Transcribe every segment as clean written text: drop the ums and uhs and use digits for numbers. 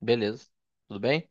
Beleza. Tudo bem?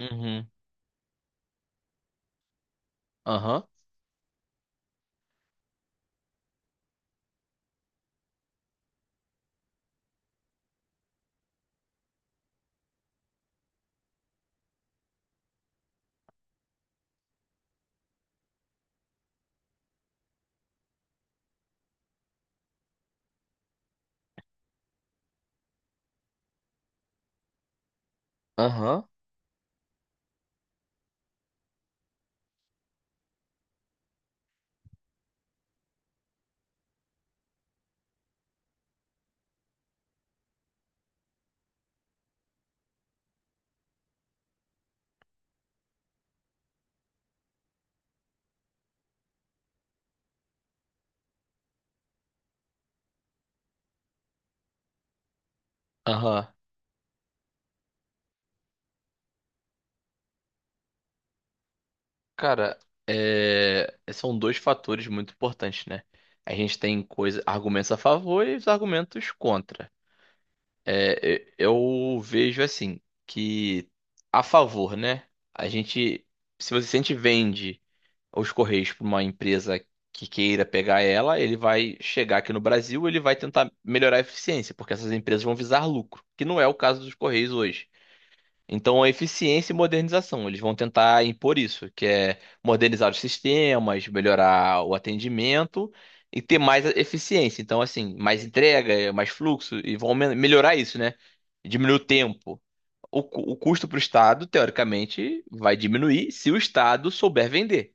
Uhum. Aham. Aham. Aham. Cara, são dois fatores muito importantes, né? A gente tem argumentos a favor e os argumentos contra. É, eu vejo assim, que a favor, né? A gente, se você se a gente vende os Correios para uma empresa que queira pegar ela, ele vai chegar aqui no Brasil, ele vai tentar melhorar a eficiência, porque essas empresas vão visar lucro, que não é o caso dos Correios hoje. Então, a eficiência e modernização, eles vão tentar impor isso, que é modernizar os sistemas, melhorar o atendimento e ter mais eficiência. Então, assim, mais entrega, mais fluxo, e vão melhorar isso, né? Diminuir o tempo. O custo para o Estado, teoricamente, vai diminuir se o Estado souber vender.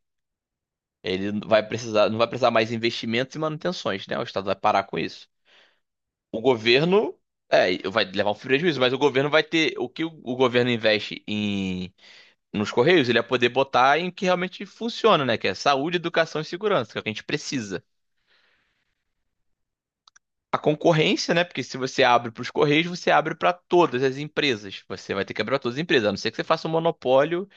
Ele não vai precisar mais investimentos e manutenções, né? O Estado vai parar com isso. O governo, vai levar um prejuízo, mas o que o governo investe nos Correios, ele ia poder botar em que realmente funciona, né? Que é saúde, educação e segurança, que é o que a gente precisa. A concorrência, né? Porque se você abre para os Correios, você abre para todas as empresas. Você vai ter que abrir para todas as empresas, a não ser que você faça um monopólio,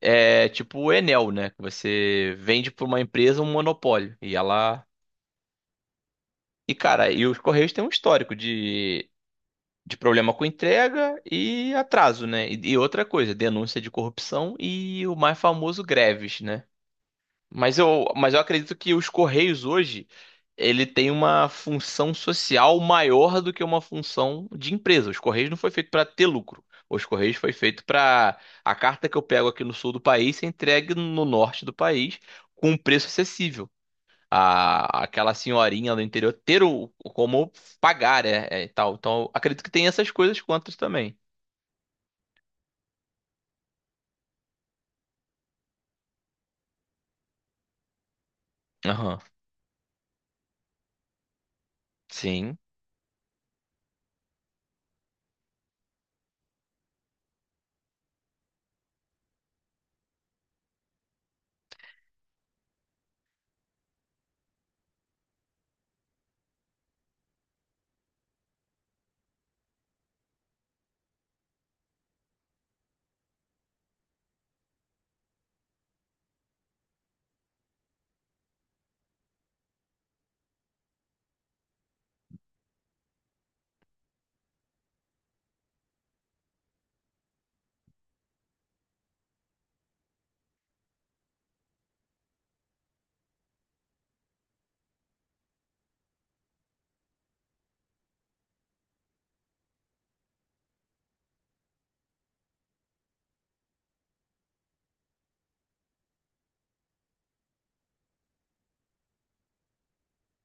tipo o Enel, né? Que você vende para uma empresa um monopólio e ela. E cara, e os Correios têm um histórico de, problema com entrega e atraso, né? E outra coisa, denúncia de corrupção e o mais famoso greves, né? Mas eu acredito que os Correios hoje, ele tem uma função social maior do que uma função de empresa. Os Correios não foi feito para ter lucro. Os Correios foi feito para a carta que eu pego aqui no sul do país ser entregue no norte do país com um preço acessível. Aquela senhorinha do interior ter o, como pagar, e tal. Então, eu acredito que tem essas coisas quantas também. Aham. Sim.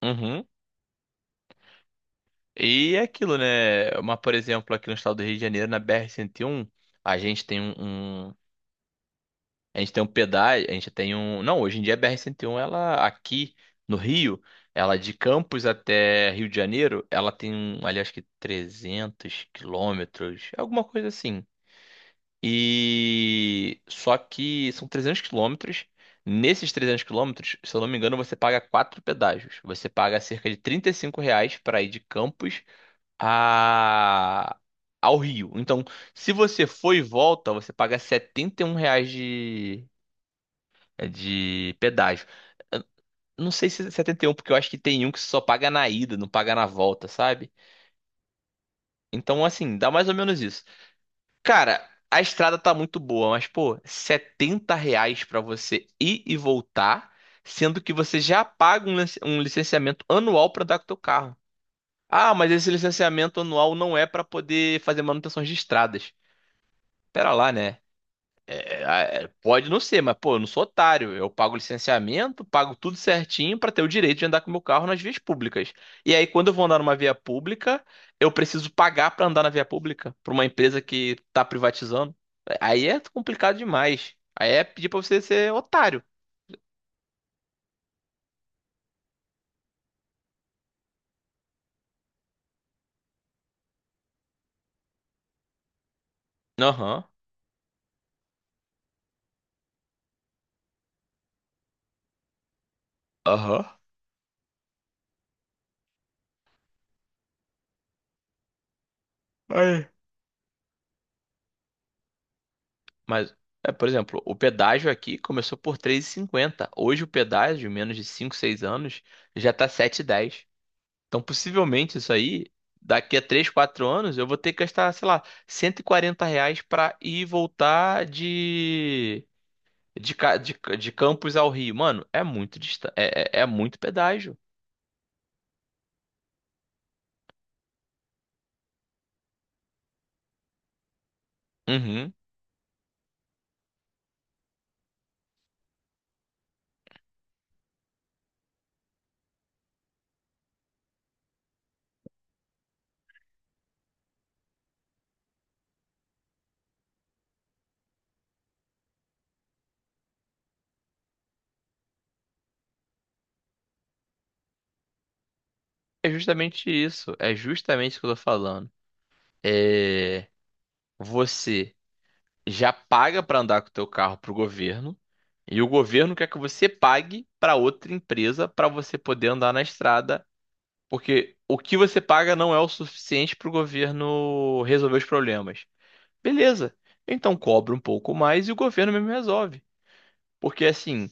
Uhum. E é aquilo, né? Uma, por exemplo, aqui no estado do Rio de Janeiro, na BR-101, a gente tem um, um- a gente tem um pedágio, a gente tem um, não, hoje em dia a BR-101, ela aqui no Rio, ela de Campos até Rio de Janeiro, ela tem um, ali acho que 300 quilômetros, alguma coisa assim. E só que são 300 quilômetros. Nesses 300 quilômetros, se eu não me engano, você paga quatro pedágios. Você paga cerca de R$ 35 para ir de Campos a- ao Rio. Então, se você for e volta, você paga R$ 71 reais de pedágio. Eu não sei se é 71, porque eu acho que tem um que só paga na ida, não paga na volta, sabe? Então, assim, dá mais ou menos isso. Cara, a estrada tá muito boa, mas, pô, R$ 70 reais pra você ir e voltar, sendo que você já paga um um licenciamento anual pra andar com o teu carro. Ah, mas esse licenciamento anual não é pra poder fazer manutenções de estradas. Pera lá, né? Pode não ser, mas pô, eu não sou otário. Eu pago licenciamento, pago tudo certinho pra ter o direito de andar com o meu carro nas vias públicas. E aí, quando eu vou andar numa via pública, eu preciso pagar pra andar na via pública pra uma empresa que tá privatizando. Aí é complicado demais. Aí é pedir pra você ser otário. Aham, aham. Aí. Mas, por exemplo, o pedágio aqui começou por 3,50. Hoje o pedágio, menos de 5, 6 anos, já tá 7,10. Então, possivelmente, isso aí, daqui a 3 4 anos, eu vou ter que gastar, sei lá, R$ 140 pra ir e voltar de, ca- de, de Campos ao Rio. Mano, é muito distante, é muito pedágio. Uhum. É justamente isso. É justamente isso que eu tô falando. É, você já paga pra andar com o teu carro pro governo, e o governo quer que você pague pra outra empresa pra você poder andar na estrada. Porque o que você paga não é o suficiente para o governo resolver os problemas. Beleza. Então cobra um pouco mais e o governo mesmo resolve. Porque assim,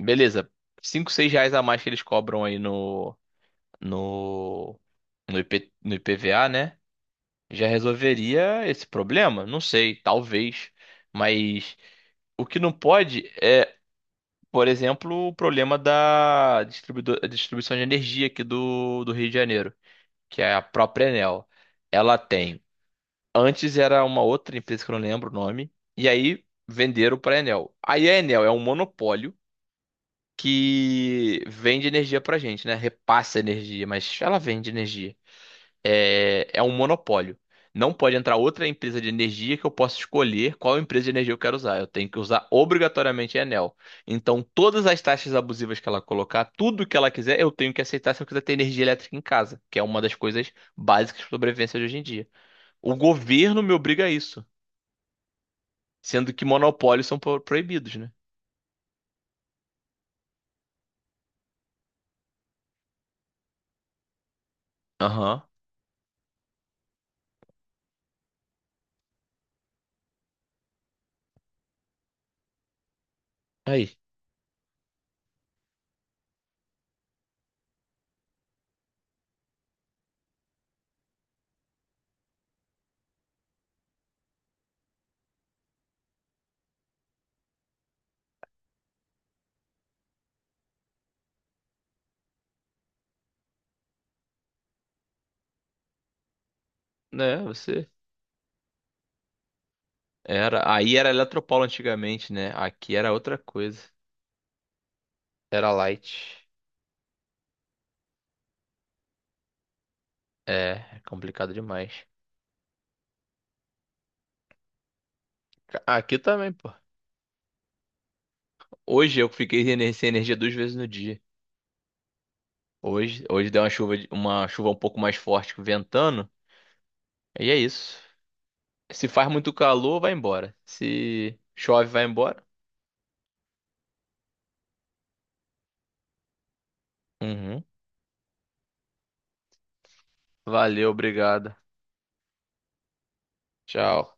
beleza, 5, 6 reais a mais que eles cobram aí no, no IPVA, né? Já resolveria esse problema? Não sei, talvez. Mas o que não pode é, por exemplo, o problema da distribuição de energia aqui do Rio de Janeiro, que é a própria Enel, ela tem. Antes era uma outra empresa que eu não lembro o nome, e aí venderam para a Enel. Aí a Enel é um monopólio que vende energia para gente, né? Repassa energia, mas ela vende energia. É um monopólio. Não pode entrar outra empresa de energia que eu possa escolher qual empresa de energia eu quero usar. Eu tenho que usar obrigatoriamente a Enel. Então, todas as taxas abusivas que ela colocar, tudo que ela quiser, eu tenho que aceitar se eu quiser ter energia elétrica em casa, que é uma das coisas básicas de sobrevivência de hoje em dia. O governo me obriga a isso, sendo que monopólios são proibidos, né? Aham. Aí, né, aí era Eletropaulo antigamente, né? Aqui era outra coisa. Era Light. É complicado demais. Aqui também, pô. Hoje eu fiquei sem energia duas vezes no dia. Hoje deu uma chuva, um pouco mais forte, ventando. E é isso. Se faz muito calor, vai embora. Se chove, vai embora. Uhum. Valeu, obrigado. Tchau.